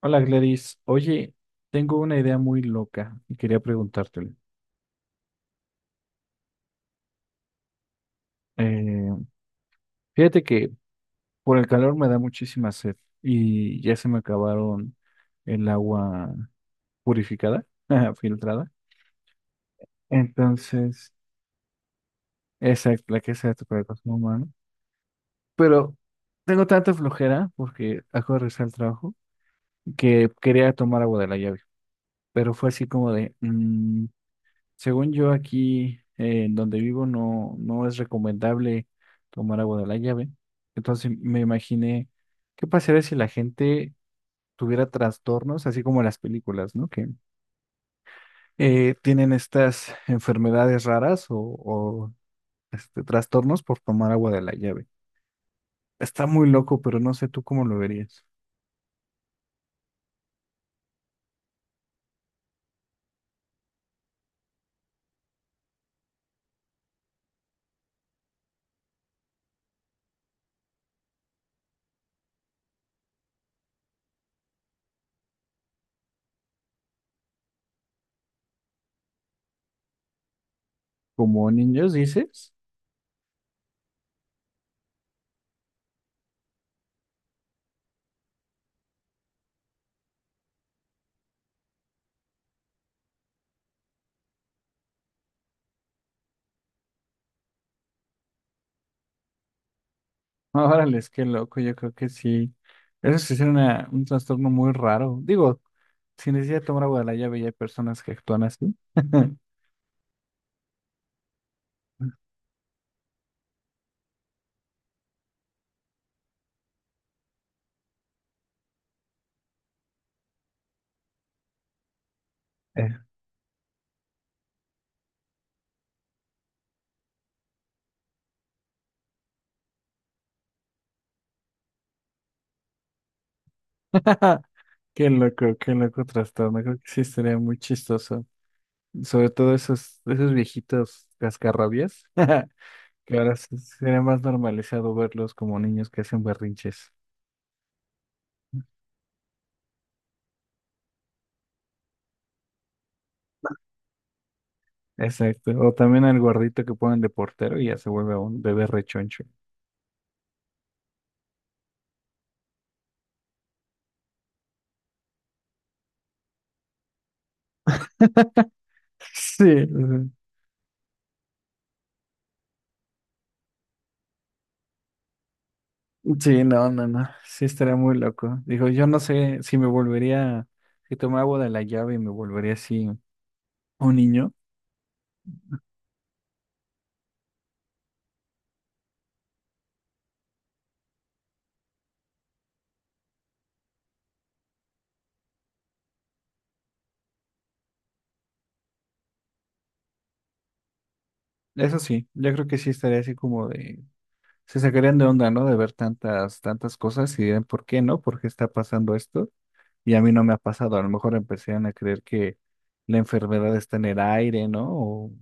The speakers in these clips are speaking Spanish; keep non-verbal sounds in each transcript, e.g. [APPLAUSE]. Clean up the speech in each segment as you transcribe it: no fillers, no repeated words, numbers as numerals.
Hola Gladys, oye, tengo una idea muy loca y quería preguntártela. Eh, Fíjate que por el calor me da muchísima sed y ya se me acabaron el agua purificada, [LAUGHS] ajá, filtrada. Entonces, exacto, la que se hace para el consumo humano. Pero tengo tanta flojera porque acabo de regresar al trabajo que quería tomar agua de la llave. Pero fue así como de, "Mm, según yo aquí, en donde vivo, no, no es recomendable tomar agua de la llave. Entonces me imaginé qué pasaría si la gente tuviera trastornos, así como en las películas, ¿no? Que tienen estas enfermedades raras trastornos por tomar agua de la llave. Está muy loco, pero no sé tú cómo lo verías. ¿Como niños dices? Órale, es que loco, yo creo que sí. Eso sí es un trastorno muy raro. Digo, sin necesidad de tomar agua de la llave, ya hay personas que actúan así. [LAUGHS] Eh. [LAUGHS] Qué loco trastorno. Creo que sí estaría muy chistoso. Sobre todo esos viejitos cascarrabias, [LAUGHS] que sería más normalizado verlos como niños que hacen berrinches. Exacto. O también al gordito que ponen de portero y ya se vuelve un bebé rechoncho. [LAUGHS] Sí, sí. Sí, no, no, no. Sí, estaría muy loco. Digo, yo no sé si tomaba agua de la llave y me volvería así un niño. Eso sí, yo creo que sí estaría así como de, se sacarían de onda, ¿no? De ver tantas cosas y dirían, ¿por qué no? ¿Por qué está pasando esto? Y a mí no me ha pasado. A lo mejor empezarían a creer que la enfermedad está en el aire, ¿no?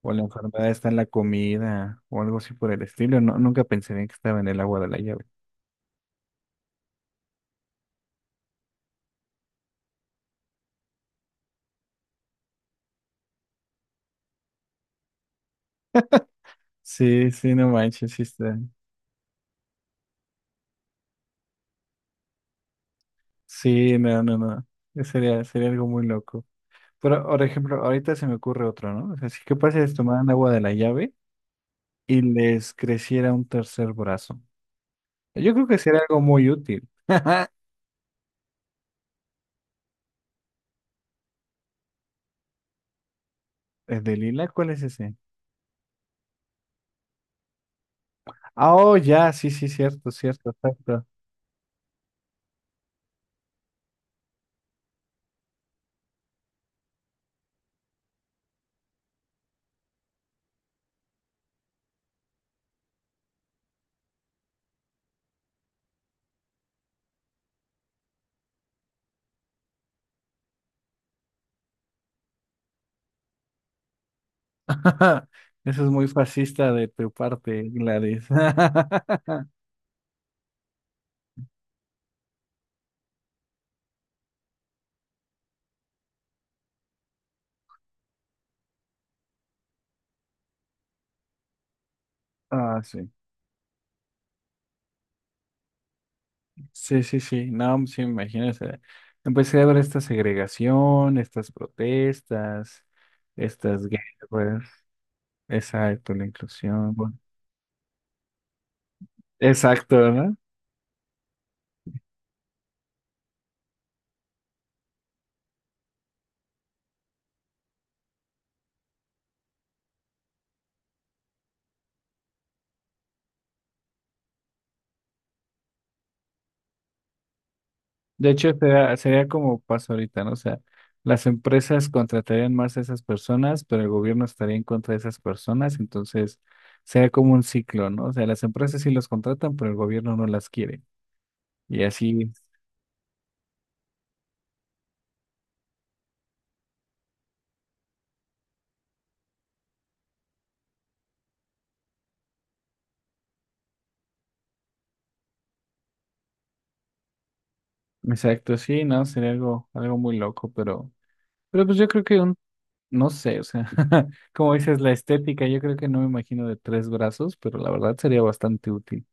O la enfermedad está en la comida o algo así por el estilo. No, nunca pensarían que estaba en el agua de la llave. Sí, sí, no manches, sí está. Sí, no, no, no. Sería algo muy loco. Pero, por ejemplo, ahorita se me ocurre otro, ¿no? O sea, si que pasa es tomaran agua de la llave y les creciera un tercer brazo. Yo creo que sería algo muy útil. [LAUGHS] ¿El de Lila? ¿Cuál es ese? Ah, oh, ya, sí, sí, cierto, cierto, exacto. [LAUGHS] Eso es muy fascista de tu parte, Gladys. [LAUGHS] Ah, sí. Sí, sí, sí, no, sí, imagínese. Empecé a ver esta segregación, estas protestas, estas guerras, exacto, la inclusión, bueno, exacto, ¿no? De hecho, sería como pasa ahorita, ¿no? O sea, las empresas contratarían más a esas personas, pero el gobierno estaría en contra de esas personas, entonces sería como un ciclo, ¿no? O sea, las empresas sí los contratan, pero el gobierno no las quiere. Y así, exacto, sí, ¿no? Sería algo muy loco, pero... Pero pues yo creo que no sé, o sea, [LAUGHS] como dices, la estética, yo creo que no me imagino de tres brazos, pero la verdad sería bastante útil.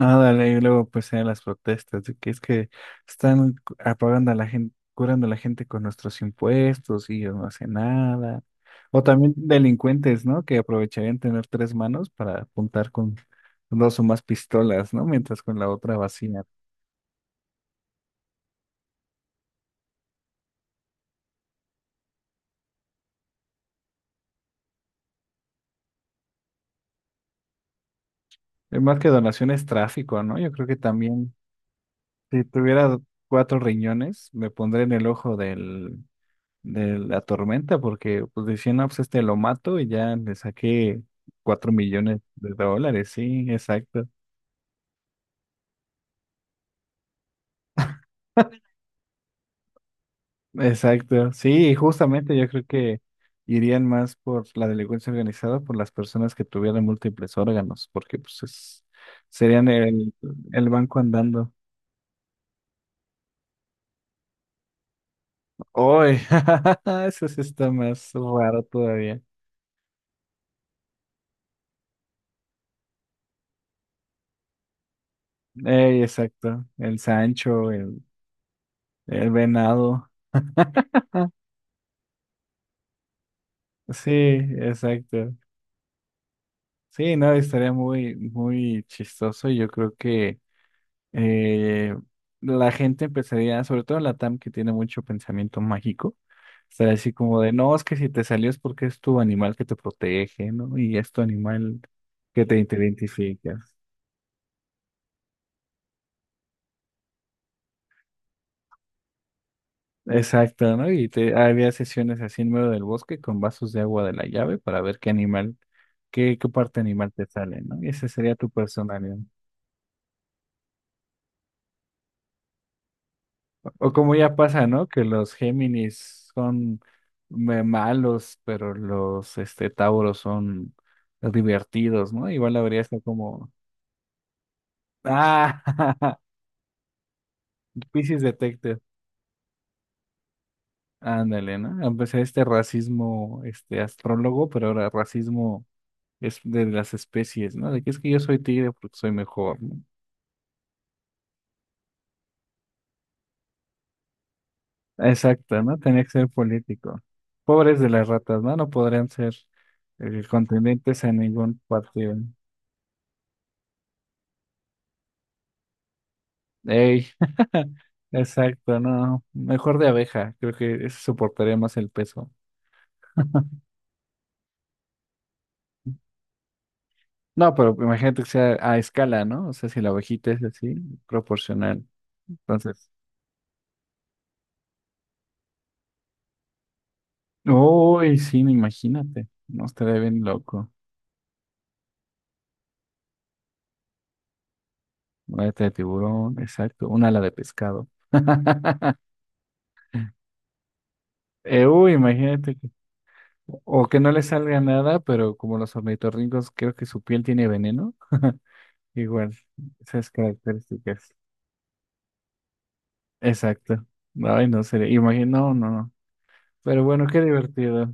Ah, dale, y luego pues en las protestas, de que es que apagando a la gente, curando a la gente con nuestros impuestos y ellos no hacen nada. O también delincuentes, ¿no? Que aprovecharían tener tres manos para apuntar con dos o más pistolas, ¿no? Mientras con la otra vacía. Más que donaciones, tráfico, ¿no? Yo creo que también, si tuviera cuatro riñones, me pondré en el ojo del de la tormenta, porque pues decían, no, pues este lo mato y ya le saqué cuatro millones de dólares, sí, exacto. [LAUGHS] Exacto, sí, justamente yo creo que irían más por la delincuencia organizada, por las personas que tuvieran múltiples órganos, porque serían el banco andando. ¡Uy! [LAUGHS] Eso sí está más raro todavía. Ey, exacto, el venado. [LAUGHS] Sí, exacto. Sí, no, estaría muy chistoso. Y yo creo que eh, la gente empezaría, sobre todo en la LATAM que tiene mucho pensamiento mágico, estaría así como de, no, es que si te salió es porque es tu animal que te protege, ¿no? Y es tu animal que te identificas. Exacto, ¿no? Y te, había sesiones así en medio del bosque con vasos de agua de la llave para ver qué animal, qué parte animal te sale, ¿no? Y ese sería tu personalidad. O como ya pasa, ¿no? Que los Géminis son malos, pero los este Tauros son divertidos, ¿no? Igual habría sido como, ah, [LAUGHS] Pisces Detective. Ándale, ¿no? Empecé este racismo, este astrólogo, pero ahora racismo es de las especies, ¿no? De que es que yo soy tigre porque soy mejor, ¿no? Exacto, ¿no? Tenía que ser político. Pobres de las ratas, ¿no? No podrían ser contendientes a ningún partido. Ey, [LAUGHS] exacto, no. Mejor de abeja, creo que eso soportaría más el peso. [LAUGHS] No, pero imagínate que sea a escala, ¿no? O sea, si la abejita es así, proporcional. Entonces, uy, sí, no, imagínate. No estaría bien loco. Una aleta de tiburón, exacto. Un ala de pescado. [LAUGHS] Uy, imagínate que. O que no le salga nada, pero como los ornitorrincos, creo que su piel tiene veneno. [LAUGHS] Igual, esas características. Exacto. Ay, no sería. Imagino, no, no, no. Pero bueno, qué divertido.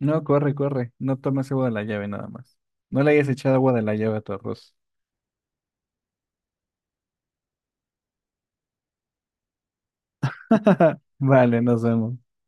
No, corre, corre. No tomes agua de la llave nada más. No le hayas echado agua de la llave a tu arroz. [LAUGHS] Vale, nos vemos.